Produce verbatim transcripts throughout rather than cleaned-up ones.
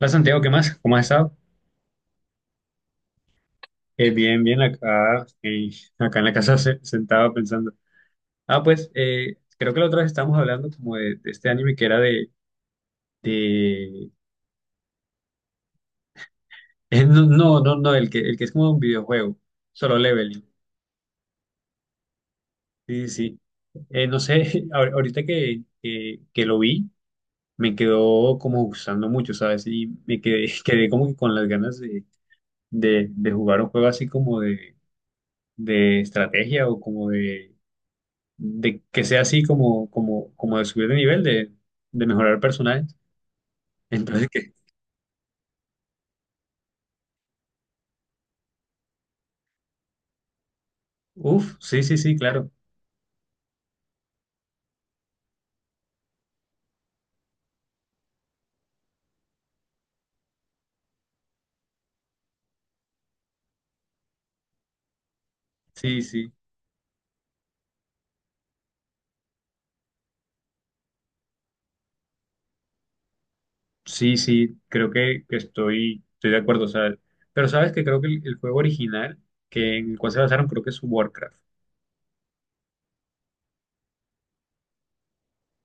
Hola Santiago, ¿qué más? ¿Cómo has estado? Eh, bien, bien, acá, eh, acá en la casa se- sentado pensando. Ah, pues, eh, creo que la otra vez estábamos hablando como de, de este anime que era de, de... eh, no, no, no, no, el que, el que es como un videojuego, Solo Leveling. Sí, sí, sí. Eh, no sé, ahor- ahorita que, que, que lo vi, me quedó como gustando mucho, ¿sabes? Y me quedé, quedé como que con las ganas de, de, de jugar un juego así como de, de estrategia o como de que sea así como, como, como de subir de nivel, de, de mejorar personajes. Entonces, que, uff, sí, sí, sí, claro. Sí, sí, sí, sí, creo que, que estoy, estoy de acuerdo. O sea, pero sabes que creo que el, el juego original que en el cual se basaron, creo que es Warcraft.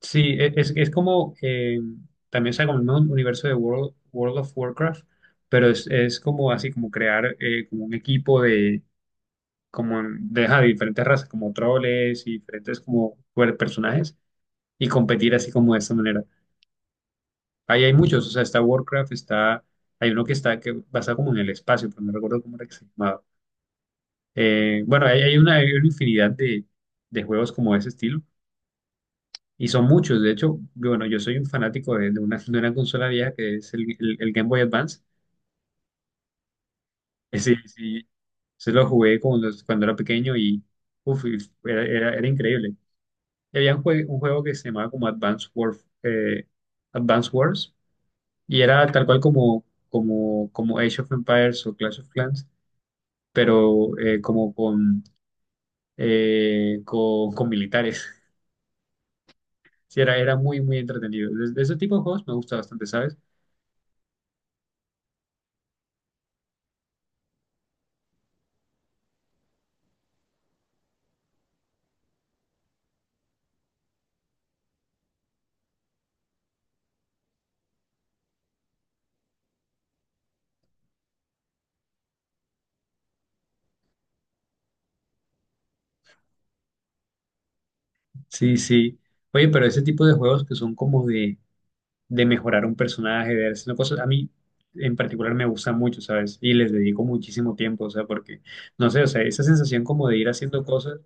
Sí, e- es, es como, eh, también sea como el mismo universo de World, World of Warcraft, pero es, es como así, como crear eh, como un equipo de, como de, ajá, de diferentes razas, como troles y diferentes como bueno, personajes y competir así como de esta manera. Ahí hay muchos, o sea, está Warcraft, está, hay uno que está que pasa como en el espacio, pero no recuerdo cómo era que se llamaba. Eh, bueno, hay, hay una, hay una infinidad de, de juegos como de ese estilo y son muchos. De hecho, yo- bueno, yo soy un fanático de, de una, de una consola vieja que es el, el- el Game Boy Advance. Ese, sí, se lo jugué cuando, cuando era pequeño y uf, y era, era, era increíble. Y había un, jue- un juego que se llamaba como Advance Warf- eh, Advance Wars. Y era tal cual como, como, como Age of Empires o Clash of Clans, pero eh, como con, eh, con, con militares. Sí, era, era muy, muy entretenido. De, de ese tipo de juegos me gusta bastante, ¿sabes? Sí, sí. Oye, pero ese tipo de juegos que son como de, de mejorar un personaje, de hacer cosas, a mí en particular me gusta mucho, ¿sabes? Y les dedico muchísimo tiempo, o sea, porque, no sé, o sea, esa sensación como de ir haciendo cosas.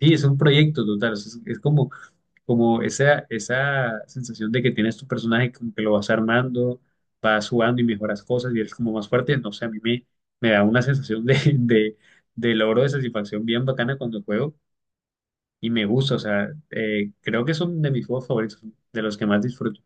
Sí, es un proyecto total, o sea, es es como como esa, esa sensación de que tienes tu personaje, como que lo vas armando, vas jugando y mejoras cosas y eres como más fuerte, no sé, a mí me, me da una sensación de, de, de logro, de satisfacción bien bacana cuando juego y me gusta, o sea, eh, creo que son de mis juegos favoritos, de los que más disfruto.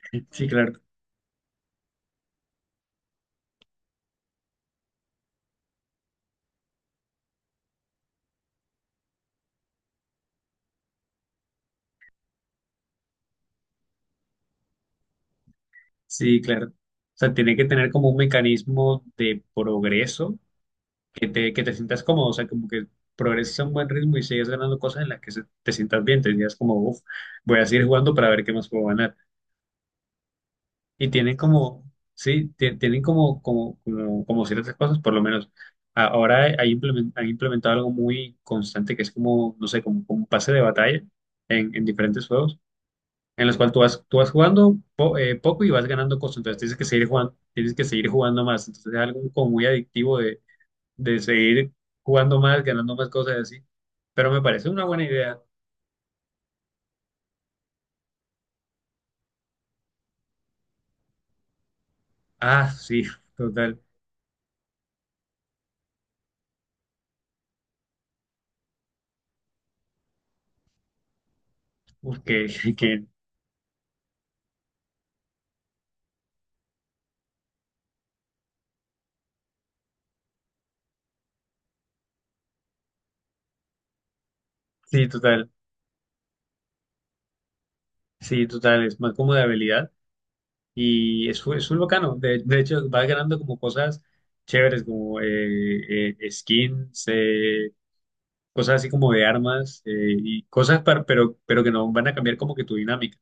Sí, claro, sí, claro. O sea, tiene que tener como un mecanismo de progreso que te, que te sientas cómodo, o sea, como que progreses a un buen ritmo y sigas ganando cosas en las que se- te sientas bien, te digas como, uff, voy a seguir jugando para ver qué más puedo ganar. Y tienen como, sí, ti- tienen como, como, como, como ciertas cosas, por lo menos. A- Ahora hay implemen- han implementado algo muy constante que es como, no sé, como, como un pase de batalla en, en diferentes juegos, en los cuales tú vas, tú vas jugando po- eh, poco y vas ganando cosas, entonces tienes que seguir jugando, tienes que seguir jugando más, entonces es algo como muy adictivo de seguir jugando más, ganando más cosas y así. Pero me parece una buena idea. Ah, sí, total. Uf, que, que sí, total. Sí, total. Es más como de habilidad. Y es, es un bacano. De, de hecho, vas ganando como cosas chéveres, como eh, eh, skins, eh, cosas así como de armas eh, y cosas, para, pero, pero que no van a cambiar como que tu dinámica.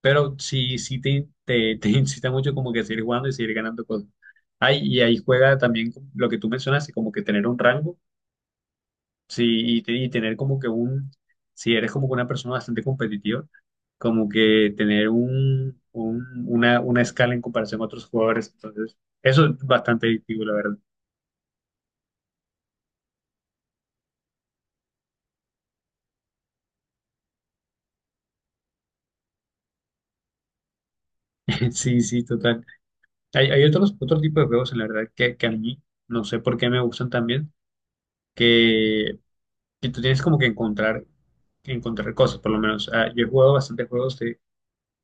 Pero sí, sí te, te, te incita mucho como que a seguir jugando y seguir ganando cosas. Ay, y ahí juega también lo que tú mencionaste, como que tener un rango, sí, y, te- y tener como que un, si eres como que una persona bastante competitiva, como que tener un, un- una, una escala en comparación a otros jugadores, entonces, eso es bastante adictivo, la verdad. Sí, sí, total. Hay, hay otros, otro tipo de juegos, en la verdad, que, que a mí no sé por qué me gustan también, que y tú tienes como que encontrar, encontrar cosas, por lo menos. Ah, yo he jugado bastantes juegos de,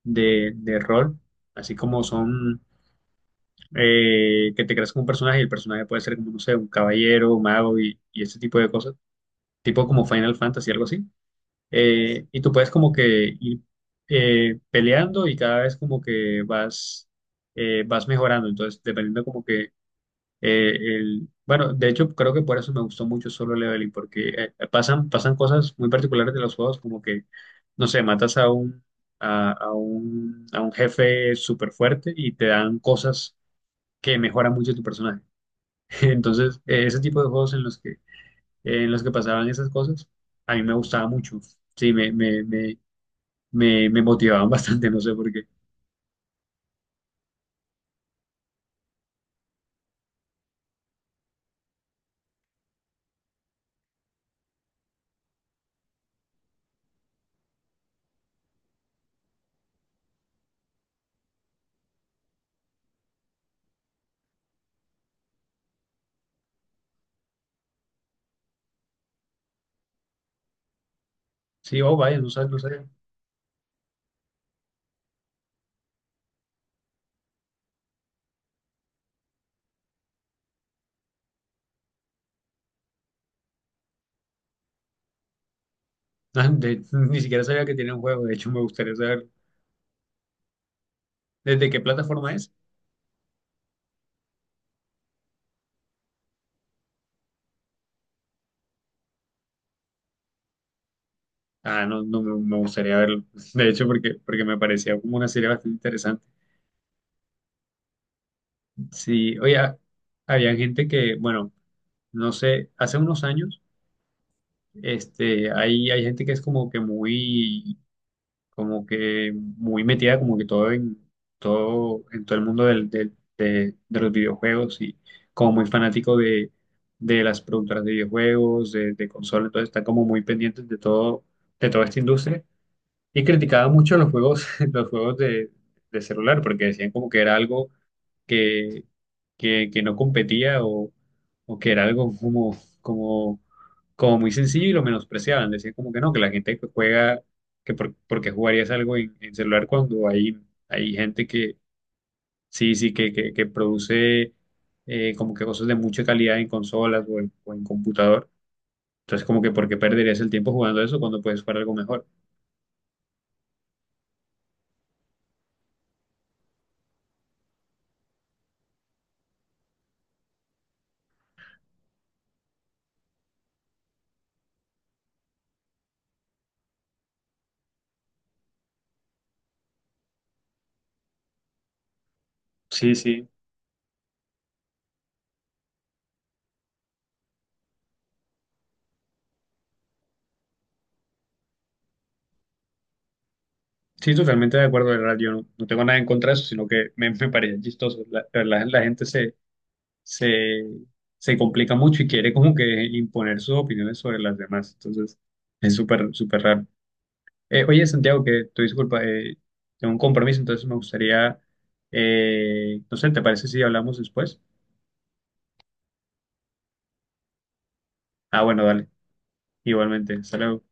de, de rol, así como son eh, que te creas como un personaje y el personaje puede ser como, no sé, un caballero, un mago y, y ese tipo de cosas, tipo como Final Fantasy, algo así. Eh, y tú puedes como que ir eh, peleando y cada vez como que vas, eh, vas mejorando, entonces dependiendo como que eh, el- bueno, de hecho, creo que por eso me gustó mucho Solo Leveling, porque eh, pasan, pasan cosas muy particulares de los juegos, como que, no sé, matas a un, a, a un, a un jefe súper fuerte y te dan cosas que mejoran mucho tu personaje. Entonces, eh, ese tipo de juegos en los que, eh, en los que pasaban esas cosas, a mí me gustaba mucho. Sí, me, me, me, me, me motivaban bastante, no sé por qué. Sí, oh, vaya, no sabes, no sabía. De- ni siquiera sabía que tenía un juego, de hecho, me gustaría saber. ¿Desde qué plataforma es? Ah, no, no me me gustaría verlo. De hecho, porque, porque me parecía como una serie bastante interesante. Sí, oye, ha- había gente que, bueno, no sé, hace unos años, este, hay, hay gente que es como que muy, como que muy metida, como que todo en todo, en todo el mundo del, del- de, de los videojuegos y como muy fanático de, de las productoras de videojuegos, de, de consolas, entonces están como muy pendientes de todo, de toda esta industria. Y criticaba mucho los juegos, los juegos de, de celular, porque decían como que era algo que, que, que no competía o, o que era algo como, como, como muy sencillo y lo menospreciaban. Decían como que no, que la gente que juega, que por, porque jugarías algo en, en celular cuando hay, hay gente que sí, sí, que, que, que produce eh, como que cosas de mucha calidad en consolas o en, o en computador. Entonces como que por qué perderías el tiempo jugando eso cuando puedes jugar algo mejor. Sí, sí. Sí, totalmente de acuerdo, de verdad, yo no, no tengo nada en contra de eso, sino que me, me parece chistoso. La, de verdad, la gente se, se, se complica mucho y quiere como que imponer sus opiniones sobre las demás. Entonces, es súper, súper raro. Eh, oye, Santiago, que tu disculpa, eh, tengo un compromiso, entonces me gustaría, eh, no sé, ¿te parece si hablamos después? Ah, bueno, dale, igualmente, hasta luego.